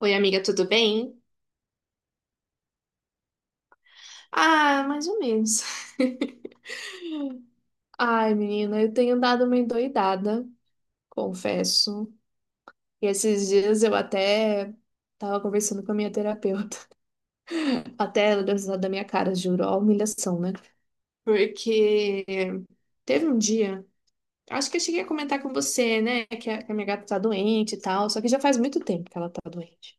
Oi, amiga, tudo bem? Ah, mais ou menos. Ai, menina, eu tenho dado uma endoidada, confesso. E esses dias eu até tava conversando com a minha terapeuta. Até ela deu risada da minha cara, juro, ó, a humilhação, né? Porque teve um dia, acho que eu cheguei a comentar com você, né, que a minha gata tá doente e tal, só que já faz muito tempo que ela tá doente.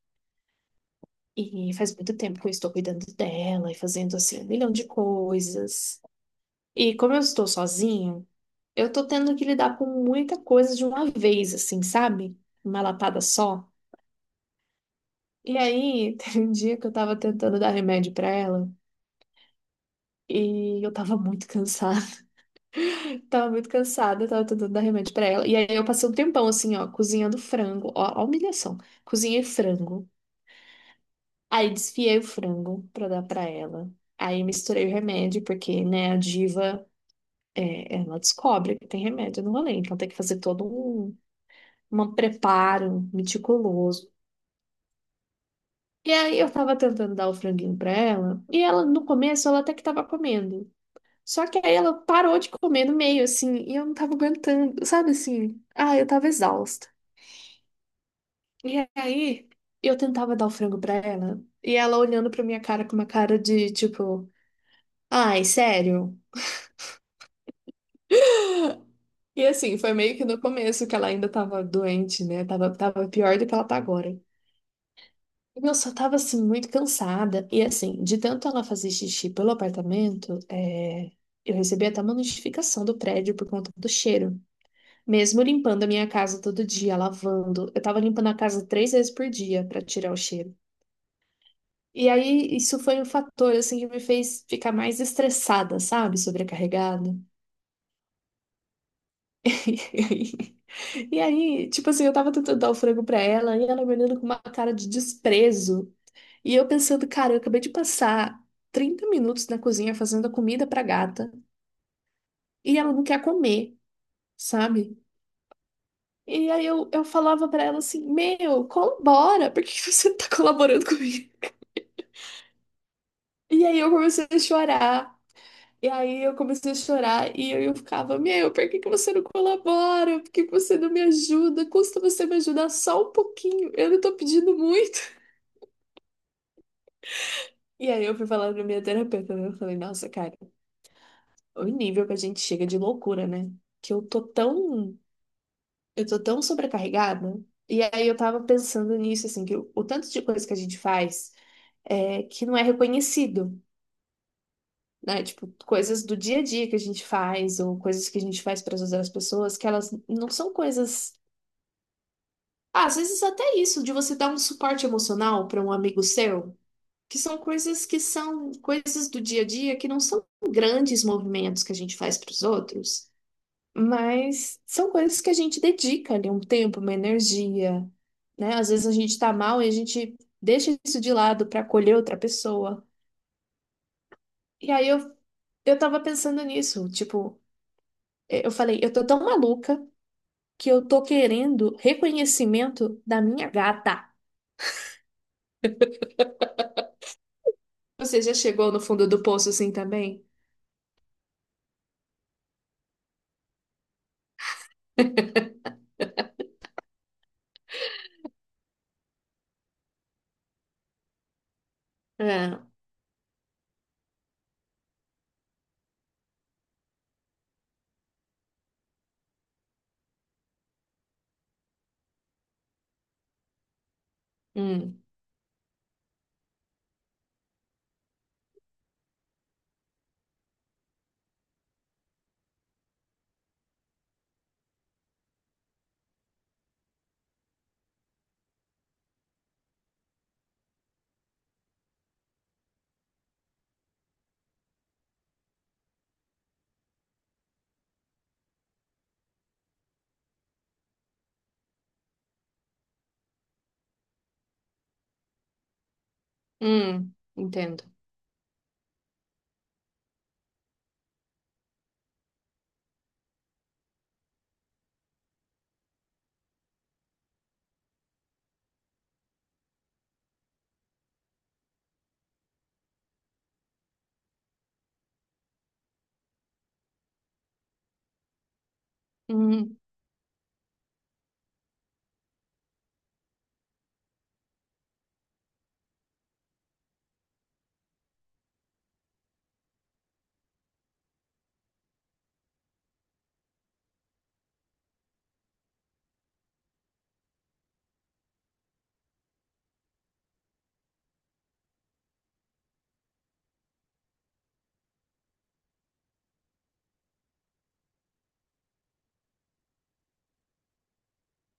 E faz muito tempo que eu estou cuidando dela e fazendo assim um milhão de coisas. E como eu estou sozinha, eu tô tendo que lidar com muita coisa de uma vez, assim, sabe? Uma lapada só. E aí, teve um dia que eu tava tentando dar remédio pra ela e eu tava muito cansada. Tava muito cansada, eu tava tentando dar remédio pra ela. E aí eu passei um tempão assim, ó, cozinhando frango. Ó, a humilhação. Cozinhei frango. Aí desfiei o frango pra dar pra ela. Aí misturei o remédio, porque, né, a diva, é, ela descobre que tem remédio no rolê. Então tem que fazer todo um, um preparo meticuloso. E aí eu tava tentando dar o franguinho pra ela, e ela, no começo, ela até que tava comendo. Só que aí ela parou de comer no meio, assim, e eu não tava aguentando, sabe assim? Ah, eu tava exausta. E aí eu tentava dar o frango pra ela, e ela olhando pra minha cara com uma cara de tipo, ai, sério? E assim, foi meio que no começo que ela ainda tava doente, né? Tava, tava pior do que ela tá agora. Eu só tava assim muito cansada. E assim, de tanto ela fazer xixi pelo apartamento, é, eu recebi até uma notificação do prédio por conta do cheiro. Mesmo limpando a minha casa todo dia, lavando, eu tava limpando a casa 3 vezes por dia pra tirar o cheiro. E aí, isso foi um fator assim que me fez ficar mais estressada, sabe? Sobrecarregada. E aí, tipo assim, eu tava tentando dar o frango pra ela e ela me olhando com uma cara de desprezo. E eu pensando, cara, eu acabei de passar 30 minutos na cozinha fazendo a comida pra gata e ela não quer comer, sabe? E aí eu falava pra ela assim: Meu, colabora, por que que você não tá colaborando comigo? E aí eu comecei a chorar. E aí eu comecei a chorar e eu ficava: Meu, por que que você não colabora? Por que que você não me ajuda? Custa você me ajudar só um pouquinho, eu não tô pedindo muito. E aí eu fui falar pra minha terapeuta, né? Eu falei: Nossa, cara. O nível que a gente chega de loucura, né? Que eu tô tão sobrecarregada. E aí eu tava pensando nisso, assim, que o tanto de coisa que a gente faz é que não é reconhecido, né? Tipo, coisas do dia a dia que a gente faz, ou coisas que a gente faz para ajudar as pessoas, que elas não são coisas. Ah, às vezes até isso, de você dar um suporte emocional para um amigo seu, que são coisas do dia a dia que não são grandes movimentos que a gente faz para os outros. Mas são coisas que a gente dedica ali um tempo, uma energia, né? Às vezes a gente tá mal e a gente deixa isso de lado para acolher outra pessoa. E aí eu tava pensando nisso, tipo, eu falei, eu tô tão maluca que eu tô querendo reconhecimento da minha gata. Você já chegou no fundo do poço assim também? É, hum, entendo. Hum,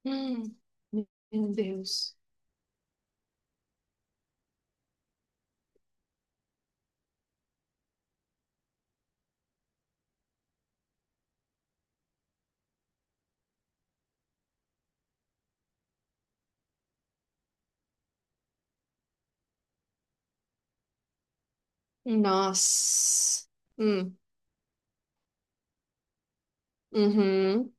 hum, meu Deus. Nossa. Hum, uhum.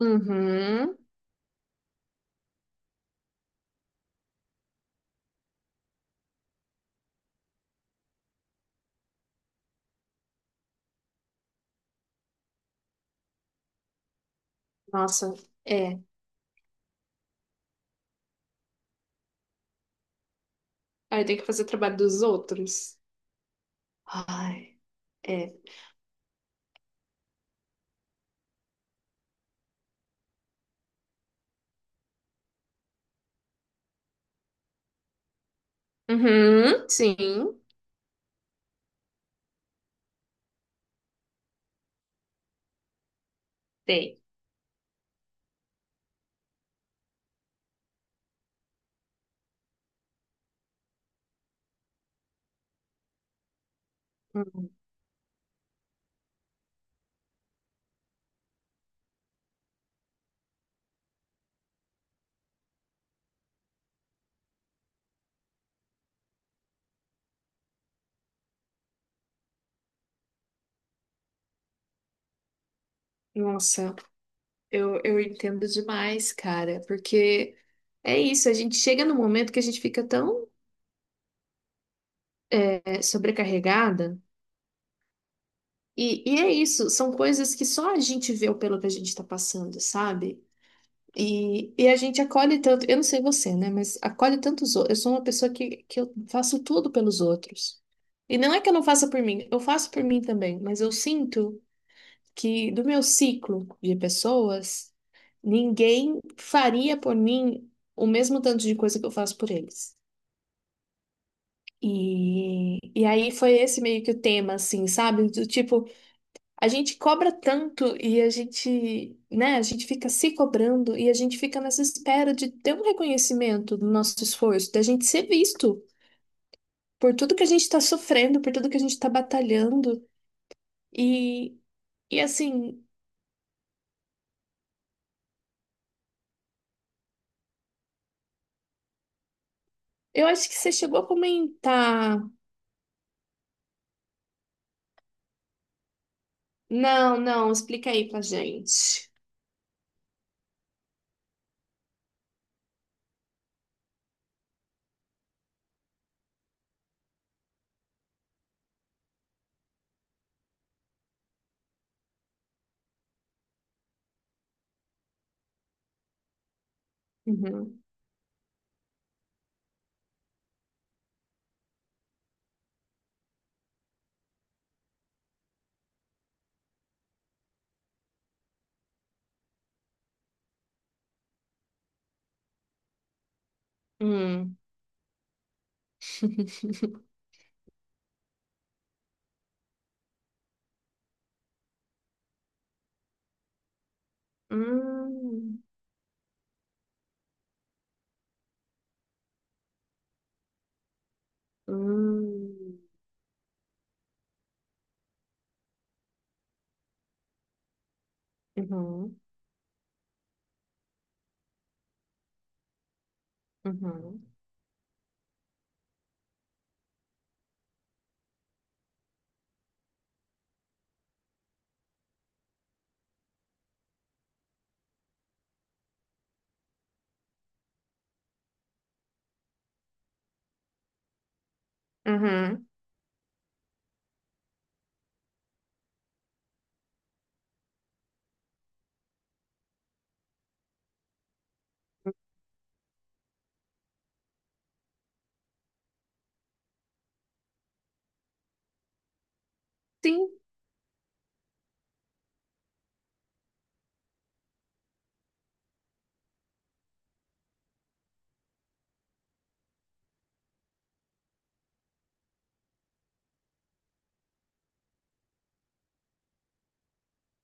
Uhum. Nossa, é. Aí tem que fazer trabalho dos outros. Ai, é. Uhum, sim, tem. Uhum. Nossa, eu entendo demais, cara, porque é isso, a gente chega num momento que a gente fica tão é, sobrecarregada, e, é isso, são coisas que só a gente vê o pelo que a gente tá passando, sabe? E, a gente acolhe tanto, eu não sei você, né? Mas acolhe tantos outros. Eu sou uma pessoa que eu faço tudo pelos outros. E não é que eu não faça por mim, eu faço por mim também, mas eu sinto que do meu ciclo de pessoas, ninguém faria por mim o mesmo tanto de coisa que eu faço por eles. E, aí foi esse meio que o tema, assim, sabe? Do tipo. A gente cobra tanto e a gente, né, a gente fica se cobrando e a gente fica nessa espera de ter um reconhecimento do nosso esforço, da gente ser visto por tudo que a gente está sofrendo, por tudo que a gente está batalhando. E, assim, eu acho que você chegou a comentar. Não, não, explica aí pra gente. Uhum. Hum. Hum. Hum. Uhum. Uhum. Uhum. Sim,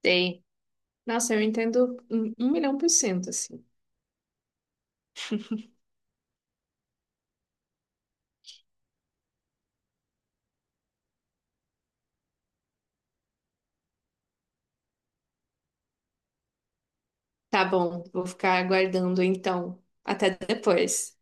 tem. Nossa, eu entendo um milhão por cento, assim. Tá bom, vou ficar aguardando então. Até depois.